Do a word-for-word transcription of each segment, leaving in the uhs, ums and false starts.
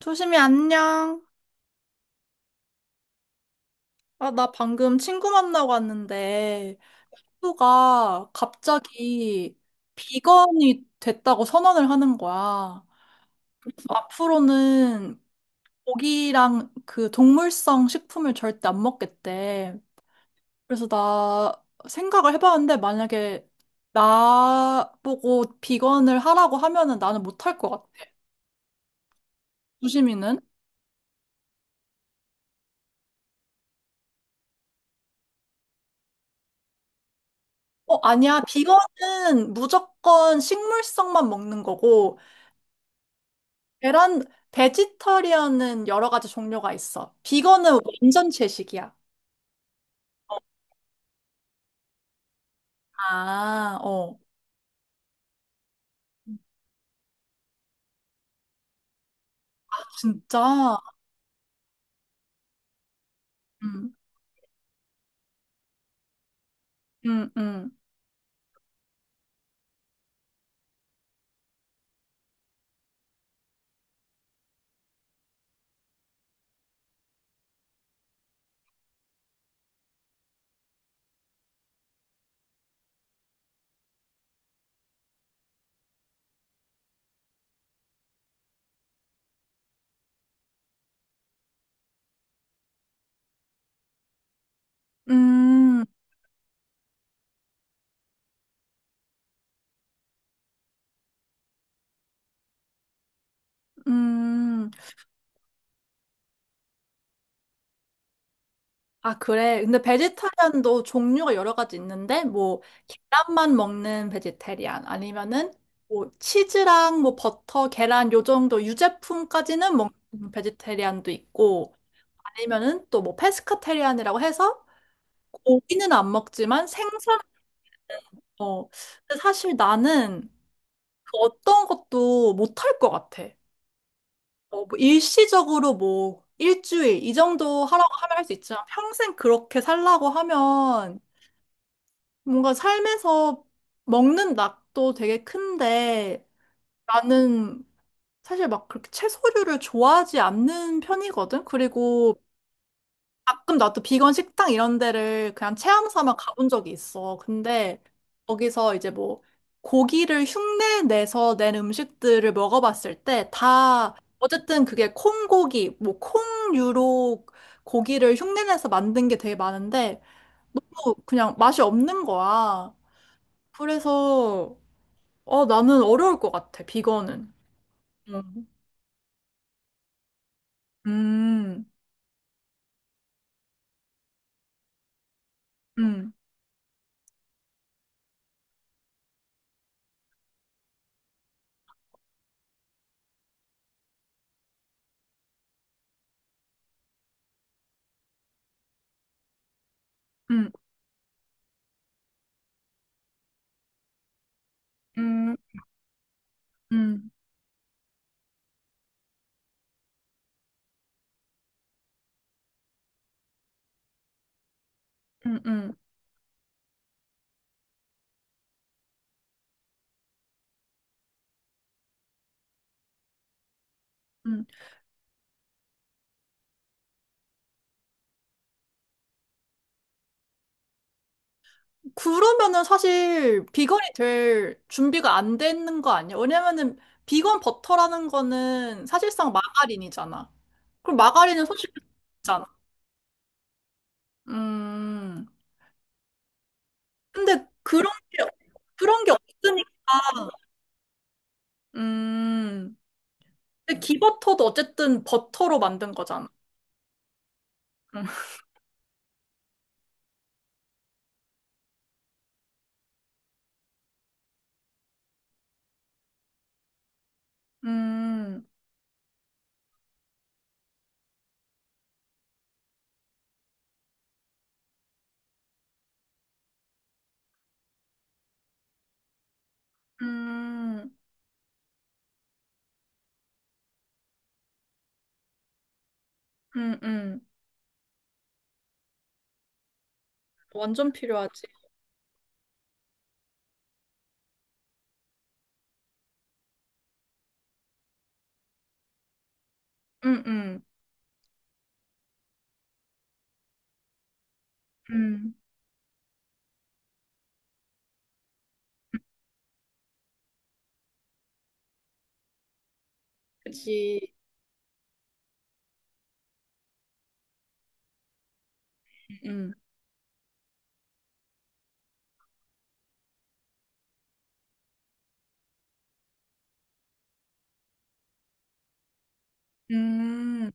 조심히 안녕. 아, 나 방금 친구 만나고 왔는데, 친구가 갑자기 비건이 됐다고 선언을 하는 거야. 그래서 앞으로는 고기랑 그 동물성 식품을 절대 안 먹겠대. 그래서 나 생각을 해봤는데, 만약에 나보고 비건을 하라고 하면은 나는 못 할 것 같아. 조심히는. 어, 아니야. 비건은 무조건 식물성만 먹는 거고, 계란, 베지터리언은 여러 가지 종류가 있어. 비건은 완전 채식이야. 아, 어. 진짜? 음, 음, 음. 음, 음. 아, 그래. 근데 베지터리안도 종류가 여러 가지 있는데, 뭐, 계란만 먹는 베지테리안, 아니면은, 뭐, 치즈랑 뭐, 버터, 계란, 요 정도 유제품까지는 먹는 베지테리안도 있고, 아니면은 또 뭐, 페스카테리안이라고 해서, 고기는 안 먹지만 생선, 어, 근데 사실 나는 그 어떤 것도 못할 것 같아. 어, 뭐 일시적으로 뭐 일주일 이 정도 하라고 하면 할 수 있지만 평생 그렇게 살라고 하면 뭔가 삶에서 먹는 낙도 되게 큰데 나는 사실 막 그렇게 채소류를 좋아하지 않는 편이거든. 그리고 가끔 나도 비건 식당 이런 데를 그냥 체험 삼아 가본 적이 있어. 근데 거기서 이제 뭐 고기를 흉내 내서 낸 음식들을 먹어봤을 때 다 어쨌든 그게 콩고기, 뭐 콩류로 고기를 흉내 내서 만든 게 되게 많은데 뭐 그냥 맛이 없는 거야. 그래서 어 나는 어려울 것 같아 비건은. 음, 음, 음, 음, 음, 음, 음, 음. 음. 그러면은 사실 비건이 될 준비가 안 되는 거 아니야? 왜냐면은 비건 버터라는 거는 사실상 마가린이잖아. 그럼 마가린은 손실게 잖아. 음. 근데 그런 게 그런 게 없으니까. 음. 근데 기버터도 어쨌든 버터로 만든 거잖아. 음. 음. 음. 음. 음. 완전 필요하지. 음. 음. 음. 그치. 음. 음.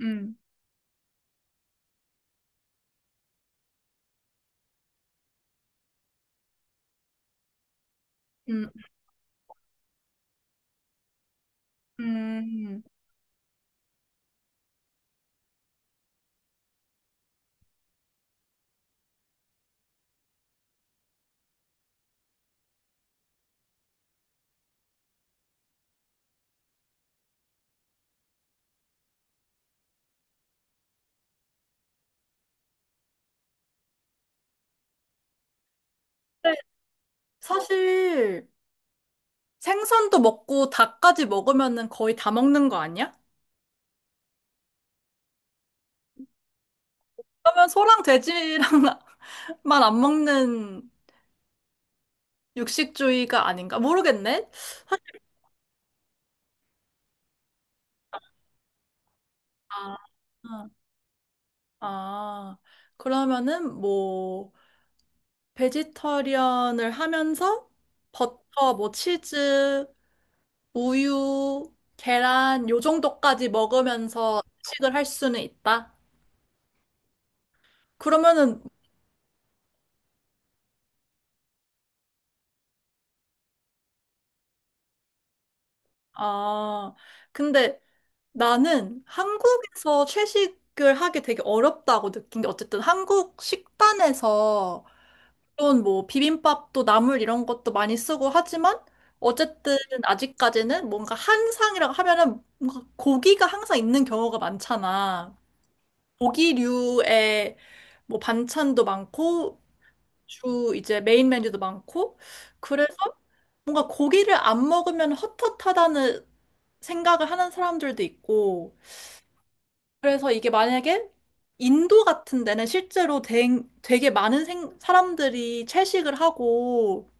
음. 음. 음. 사실 생선도 먹고 닭까지 먹으면은 거의 다 먹는 거 아니야? 그러면 소랑 돼지랑만 안 먹는 육식주의가 아닌가? 모르겠네. 아, 응. 아, 아. 그러면은 뭐 베지터리언을 하면서 버터, 뭐 치즈, 우유, 계란 요 정도까지 먹으면서 식을 할 수는 있다. 그러면은, 아, 근데 나는 한국에서 채식을 하기 되게 어렵다고 느낀 게 어쨌든 한국 식단에서 물론 뭐 비빔밥도 나물 이런 것도 많이 쓰고 하지만 어쨌든 아직까지는 뭔가 한상이라고 하면은 뭔가 고기가 항상 있는 경우가 많잖아. 고기류의 뭐 반찬도 많고 주 이제 메인 메뉴도 많고 그래서 뭔가 고기를 안 먹으면 헛헛하다는 생각을 하는 사람들도 있고 그래서 이게 만약에 인도 같은 데는 실제로 되, 되게 많은 생, 사람들이 채식을 하고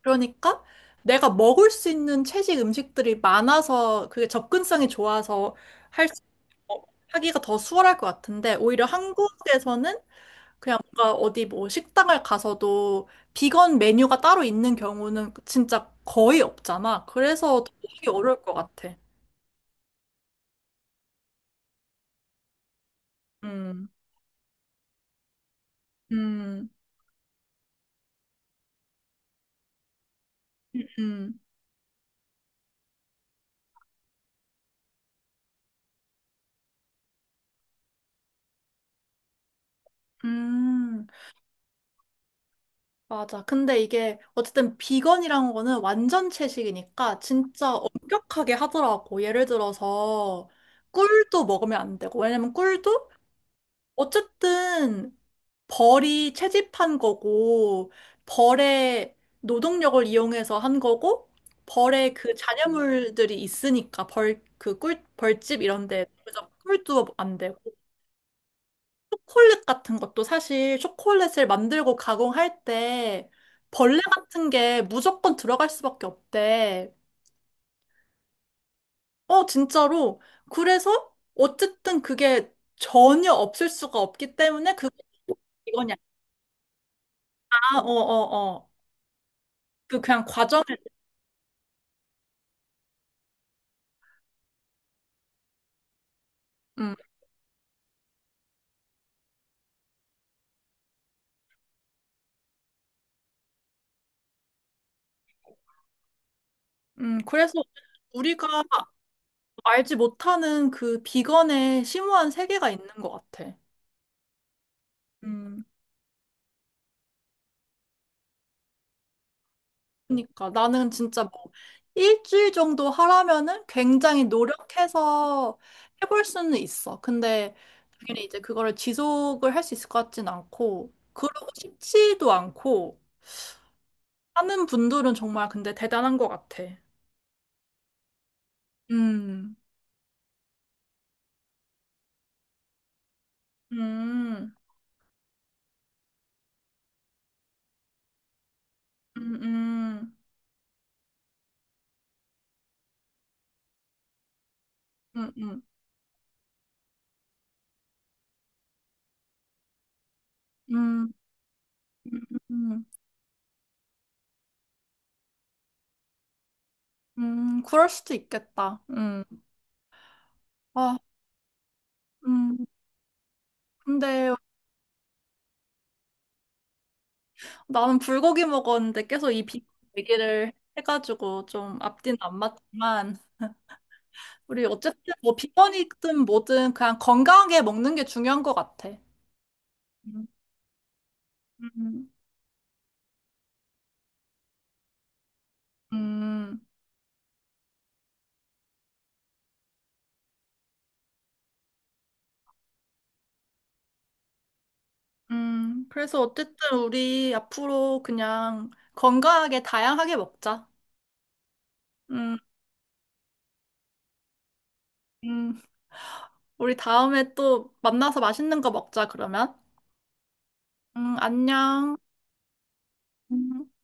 그러니까 내가 먹을 수 있는 채식 음식들이 많아서 그게 접근성이 좋아서 할 수, 어, 하기가 더 수월할 것 같은데 오히려 한국에서는 그냥 뭔가 어디 뭐 식당을 가서도 비건 메뉴가 따로 있는 경우는 진짜 거의 없잖아. 그래서 되게 어려울 것 같아. 음, 음, 음, 음. 맞아. 근데 이게 어쨌든 비건이란 거는 완전 채식이니까 진짜 엄격하게 하더라고. 예를 들어서 꿀도 먹으면 안 되고. 왜냐면 꿀도 어쨌든 벌이 채집한 거고 벌의 노동력을 이용해서 한 거고 벌의 그 잔여물들이 있으니까 벌 그 꿀 벌집 이런 데 그래서 꿀도 안 되고. 초콜릿 같은 것도 사실 초콜릿을 만들고 가공할 때 벌레 같은 게 무조건 들어갈 수밖에 없대. 어, 진짜로. 그래서 어쨌든 그게 전혀 없을 수가 없기 때문에 그게 이거냐. 아, 어, 어, 어. 그 그냥 과정을, 음, 음. 그래서 우리가 알지 못하는 그 비건의 심오한 세계가 있는 것 같아. 음. 그러니까 나는 진짜 뭐 일주일 정도 하라면은 굉장히 노력해서 해볼 수는 있어. 근데 당연히 이제 그거를 지속을 할 수 있을 것 같진 않고 그러고 싶지도 않고 하는 분들은 정말 근데 대단한 것 같아. 음, 음, 음, 음, 음, 음, 음, 음, 음, 음, 그럴 수도 있겠다. 음, 아, 음, 근데 나는 불고기 먹었는데 계속 이 비건 얘기를 해가지고 좀 앞뒤는 안 맞지만 우리 어쨌든 뭐 비건이든 뭐든 그냥 건강하게 먹는 게 중요한 것 같아. 음, 음, 음, 음. 그래서 어쨌든 우리 앞으로 그냥 건강하게 다양하게 먹자. 음, 음. 우리 다음에 또 만나서 맛있는 거 먹자, 그러면. 음, 안녕. 음.